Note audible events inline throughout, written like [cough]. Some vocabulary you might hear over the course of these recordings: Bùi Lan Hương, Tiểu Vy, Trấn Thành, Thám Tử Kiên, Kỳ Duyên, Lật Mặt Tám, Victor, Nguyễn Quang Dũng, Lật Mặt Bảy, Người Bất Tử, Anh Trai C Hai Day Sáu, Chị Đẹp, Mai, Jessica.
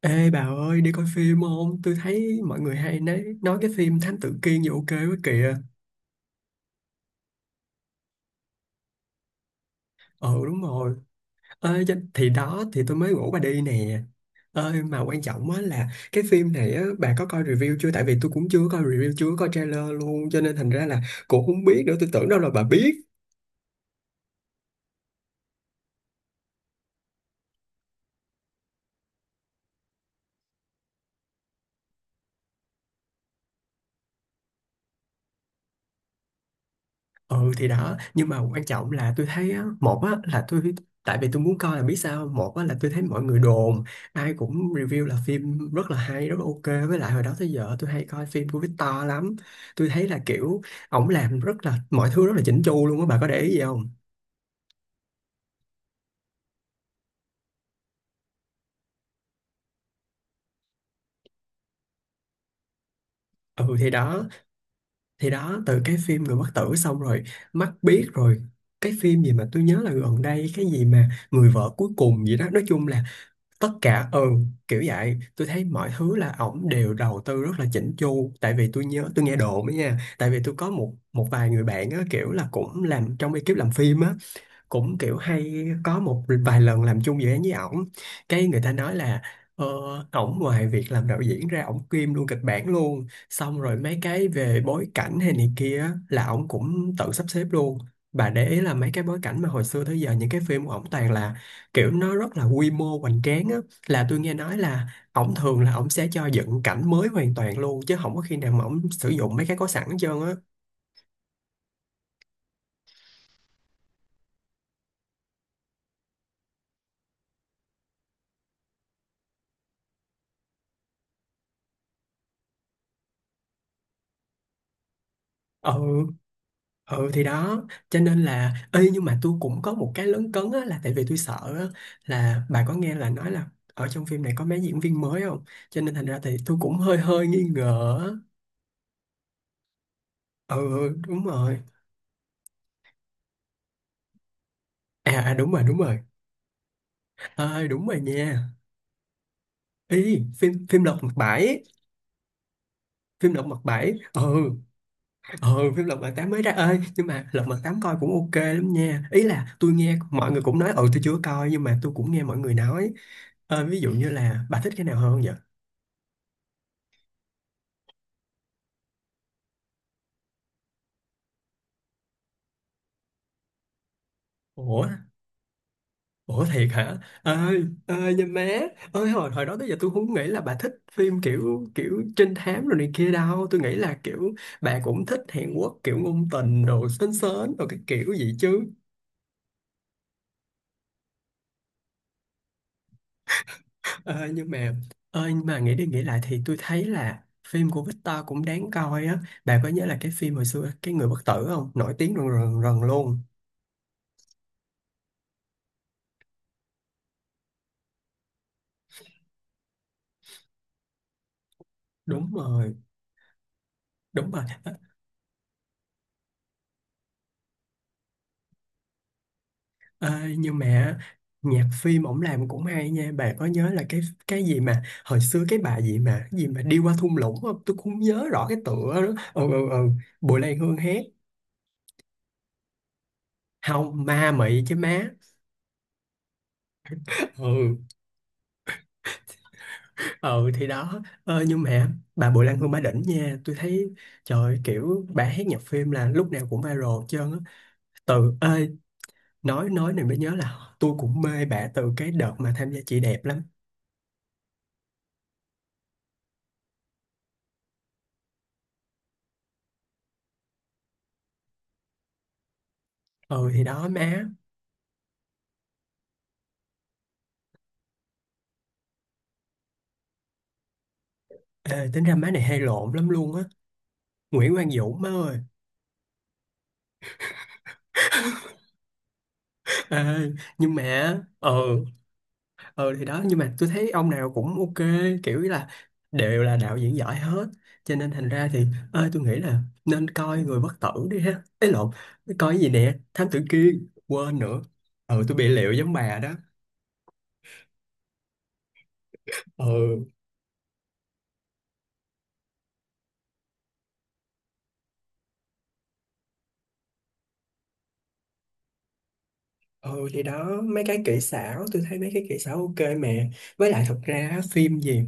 Ê bà ơi, đi coi phim không? Tôi thấy mọi người hay nói cái phim Thám Tử Kiên gì ok quá kìa. Ừ đúng rồi. Thì đó, thì tôi mới rủ bà đi nè. Ơi mà quan trọng á là cái phim này á, bà có coi review chưa? Tại vì tôi cũng chưa có coi review, chưa có coi trailer luôn. Cho nên thành ra là cũng không biết nữa. Tôi tưởng đâu là bà biết. Ừ thì đó, nhưng mà quan trọng là tôi thấy á, một á là tôi, tại vì tôi muốn coi là biết sao, một á là tôi thấy mọi người đồn ai cũng review là phim rất là hay, rất là ok. Với lại hồi đó tới giờ tôi hay coi phim của Victor lắm, tôi thấy là kiểu ổng làm rất là, mọi thứ rất là chỉnh chu luôn á. Bà có để ý gì không? Ừ thì đó, thì đó, từ cái phim Người Bất Tử xong rồi mắt biết rồi, cái phim gì mà tôi nhớ là gần đây, cái gì mà Người Vợ Cuối Cùng gì đó. Nói chung là tất cả, ừ, kiểu vậy. Tôi thấy mọi thứ là ổng đều đầu tư rất là chỉnh chu. Tại vì tôi nhớ, tôi nghe đồn ấy nha, tại vì tôi có một một vài người bạn á, kiểu là cũng làm trong ekip làm phim á, cũng kiểu hay có một vài lần làm chung dự án với ổng. Cái người ta nói là ờ, ổng ngoài việc làm đạo diễn ra, ổng kiêm luôn kịch bản luôn, xong rồi mấy cái về bối cảnh hay này kia á, là ổng cũng tự sắp xếp luôn. Bà để ý là mấy cái bối cảnh mà hồi xưa tới giờ những cái phim của ổng toàn là kiểu nó rất là quy mô, hoành tráng á. Là tôi nghe nói là ổng thường là ổng sẽ cho dựng cảnh mới hoàn toàn luôn, chứ không có khi nào mà ổng sử dụng mấy cái có sẵn hết trơn á. Ừ, ừ thì đó, cho nên là, ê, nhưng mà tôi cũng có một cái lấn cấn á, là tại vì tôi sợ á, là bà có nghe là nói là ở trong phim này có mấy diễn viên mới không, cho nên thành ra thì tôi cũng hơi hơi nghi ngờ á. Ừ đúng rồi. À, à đúng rồi, đúng rồi. Ơi đúng rồi nha. Ý, phim phim Lật Mặt Bảy. Phim Lật Mặt Bảy, ừ. Ừ, phim Lật Mặt Tám mới ra. Ơi nhưng mà Lật Mặt Tám coi cũng ok lắm nha. Ý là tôi nghe mọi người cũng nói, ừ, tôi chưa coi nhưng mà tôi cũng nghe mọi người nói. Ờ, ví dụ như là bà thích cái nào hơn vậy? Ủa. Ủa thiệt hả? Ơi, ơi nha má. Ơi, hồi hồi đó tới giờ tôi không nghĩ là bà thích phim kiểu kiểu trinh thám rồi này kia đâu. Tôi nghĩ là kiểu bà cũng thích Hàn Quốc, kiểu ngôn tình rồi sến sến rồi cái kiểu gì chứ. Ơi nhưng mà, nghĩ đi nghĩ lại thì tôi thấy là phim của Victor cũng đáng coi á. Bà có nhớ là cái phim hồi xưa, cái Người Bất Tử không? Nổi tiếng rần rần, rần luôn. Đúng rồi, đúng rồi. Ờ. Ê, nhưng mà nhạc phim ổng làm cũng hay nha. Bà có nhớ là cái gì mà hồi xưa, cái bà gì mà cái gì mà đi qua thung lũng không, tôi cũng không nhớ rõ cái tựa đó. Ừ, ừ, ừ. Bùi Lan Hương hát. Không, ma mị chứ má. [laughs] Ừ. Ừ thì đó. Ờ, nhưng mà bà Bùi Lan Hương bà đỉnh nha, tôi thấy. Trời ơi, kiểu bà hát nhạc phim là lúc nào cũng viral hết trơn á. Từ ơi Nói, này mới nhớ là tôi cũng mê bà từ cái đợt mà tham gia Chị Đẹp lắm. Ừ thì đó má. Ê, tính ra má này hay lộn lắm luôn á. Nguyễn Quang Dũng, má ơi. Ê, nhưng mà, ờ ờ thì đó, nhưng mà tôi thấy ông nào cũng ok, kiểu là đều là đạo diễn giỏi hết. Cho nên thành ra thì ơi, tôi nghĩ là nên coi Người Bất Tử đi ha. Ấy lộn, coi cái gì nè, Thám Tử Kiên, quên nữa. Ờ tôi bị liệu giống bà đó. Ờ. Ừ thì đó, mấy cái kỹ xảo tôi thấy mấy cái kỹ xảo ok mẹ. Với lại thật ra á, phim gì,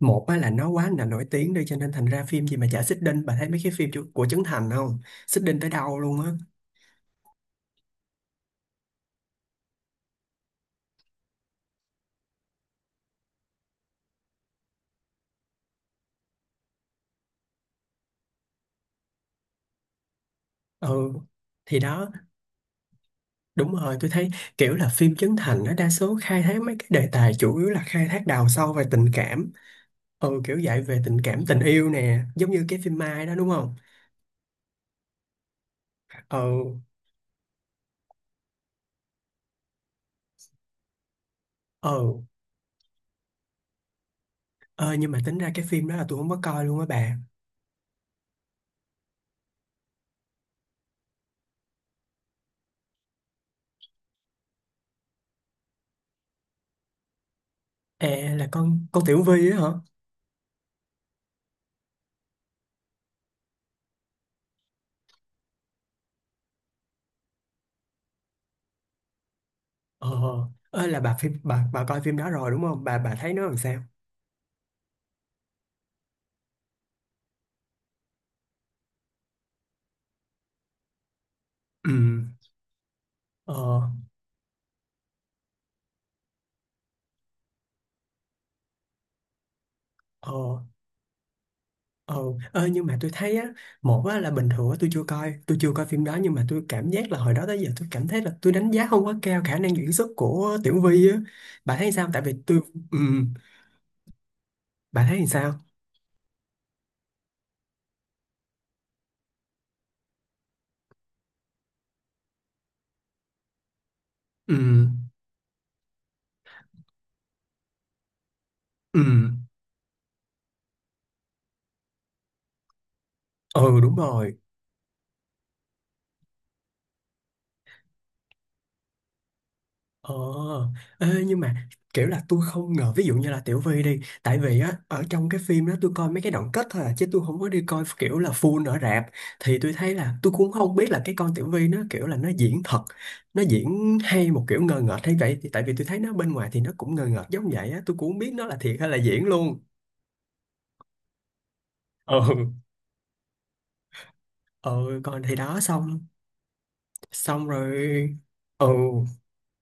một á là nó quá là nổi tiếng đi, cho nên thành ra phim gì mà chả xích đinh. Bà thấy mấy cái phim chu- của Trấn Thành không, xích đinh tới đâu luôn á. Ừ thì đó. Đúng rồi, tôi thấy kiểu là phim Trấn Thành nó đa số khai thác mấy cái đề tài chủ yếu là khai thác, đào sâu về tình cảm. Ừ, kiểu dạy về tình cảm, tình yêu nè, giống như cái phim Mai đó đúng không. Ừ, ừ. Ờ nhưng mà tính ra cái phim đó là tôi không có coi luôn á bà. À là con Tiểu Vy á hả? Ờ, ơ là bà, phim, bà coi phim đó rồi đúng không? Bà thấy nó làm sao? Ừ. Ờ, ờ, ờ, ơ nhưng mà tôi thấy á, một á là bình thường á, tôi chưa coi phim đó, nhưng mà tôi cảm giác là hồi đó tới giờ tôi cảm thấy là tôi đánh giá không quá cao khả năng diễn xuất của Tiểu Vy á. Bà thấy sao? Tại vì tôi, ừ, bà thấy sao? Ừ, ừ, ừ đúng rồi. Ờ, ê, nhưng mà kiểu là tôi không ngờ ví dụ như là Tiểu Vy đi, tại vì á ở trong cái phim đó tôi coi mấy cái đoạn kết thôi à, chứ tôi không có đi coi kiểu là full ở rạp. Thì tôi thấy là tôi cũng không biết là cái con Tiểu Vy nó kiểu là nó diễn thật, nó diễn hay một kiểu ngờ ngợt hay vậy. Thì tại vì tôi thấy nó bên ngoài thì nó cũng ngờ ngợt giống vậy á, tôi cũng không biết nó là thiệt hay là diễn luôn. Ừ, ừ còn thì đó, xong, xong rồi, ừ.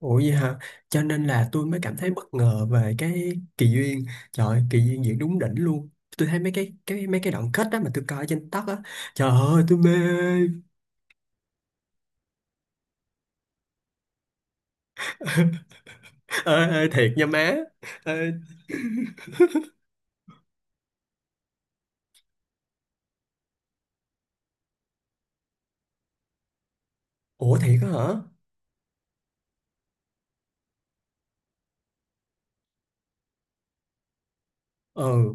Ủa vậy hả? Cho nên là tôi mới cảm thấy bất ngờ về cái Kỳ Duyên. Trời ơi, Kỳ Duyên diễn đúng đỉnh luôn. Tôi thấy mấy cái mấy cái đoạn kết đó mà tôi coi trên TikTok á. Trời ơi tôi mê. [laughs] Ê, ê, thiệt nha má. Ê, ủa thiệt á hả? Ừ.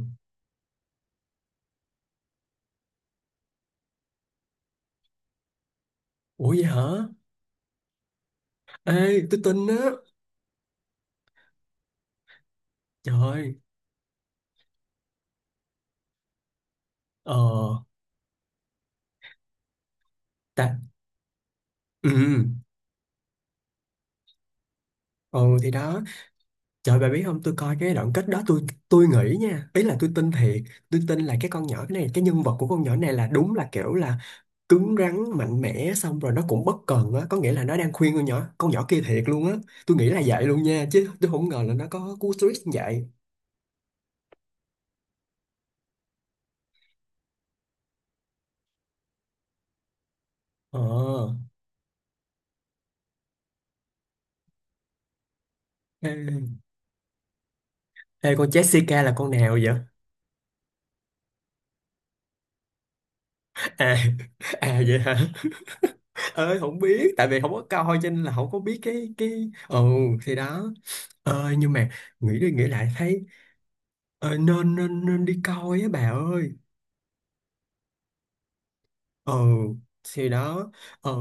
Ủa vậy hả? Ê tôi tin á. Trời ơi. Ờ. Tại, ừ. Ừ thì đó. Trời bà biết không, tôi coi cái đoạn kết đó tôi, nghĩ nha. Ý là tôi tin thiệt. Tôi tin là cái con nhỏ, cái này, cái nhân vật của con nhỏ này là đúng là kiểu là cứng rắn, mạnh mẽ, xong rồi nó cũng bất cần á. Có nghĩa là nó đang khuyên con nhỏ, kia thiệt luôn á. Tôi nghĩ là vậy luôn nha, chứ tôi không ngờ là nó có cú twist như vậy. Ờ. Ê, ê con Jessica là con nào vậy? À, à vậy hả. Ơi không biết, tại vì không có coi cho nên là không có biết cái, ừ thì đó. Ờ nhưng mà nghĩ đi nghĩ lại thấy ờ, nên nên nên đi coi á bà ơi. Ờ thì đó. Ờ.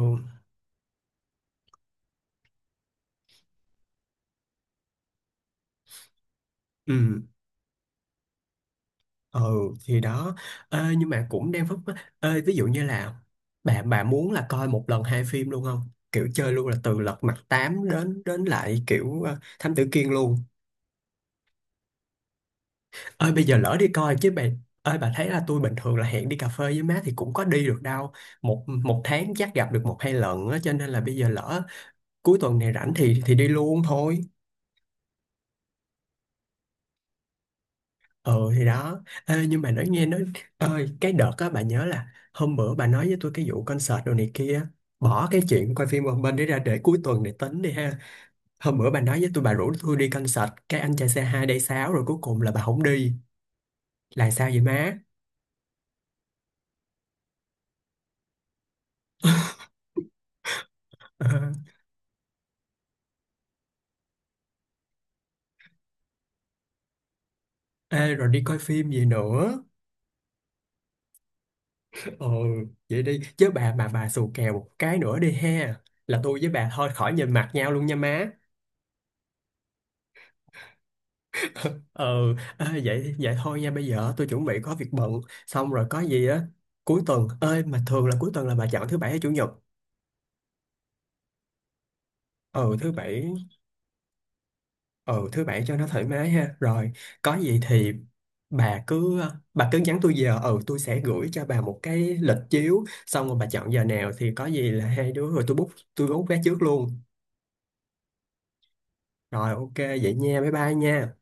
Ừ. Ừ thì đó. Ê, nhưng mà cũng đang phức, ê, ví dụ như là bà muốn là coi một lần hai phim luôn không, kiểu chơi luôn là từ Lật Mặt Tám đến đến lại kiểu ờ, Thám Tử Kiên luôn. Ơi bây giờ lỡ đi coi chứ bà. Ơi bà thấy là tôi bình thường là hẹn đi cà phê với má thì cũng có đi được đâu, một một tháng chắc gặp được một hai lần á. Cho nên là bây giờ lỡ cuối tuần này rảnh thì đi luôn thôi. Ừ thì đó. Ê, nhưng mà nói, nghe nói ơi cái đợt á bà nhớ là hôm bữa bà nói với tôi cái vụ concert đồ này kia, bỏ cái chuyện coi phim một bên để ra, để cuối tuần để tính đi ha. Hôm bữa bà nói với tôi, bà rủ tôi đi concert cái anh trai C2 Day 6 rồi cuối cùng là bà không đi, là sao vậy má? Ờ, ê, rồi đi coi phim gì nữa? Ừ, vậy đi chứ bà, mà bà xù kèo một cái nữa đi ha là tôi với bà thôi khỏi nhìn mặt nhau luôn nha má. Ừ. À, vậy vậy thôi nha, bây giờ tôi chuẩn bị có việc bận, xong rồi có gì á cuối tuần, ơi mà thường là cuối tuần là bà chọn thứ bảy hay chủ nhật? Ừ thứ bảy. Ừ thứ bảy cho nó thoải mái ha. Rồi có gì thì bà cứ, bà cứ nhắn tôi giờ, ừ tôi sẽ gửi cho bà một cái lịch chiếu, xong rồi bà chọn giờ nào thì có gì là hai đứa, rồi tôi tôi book vé trước luôn. Rồi, ok vậy nha, bye bye nha.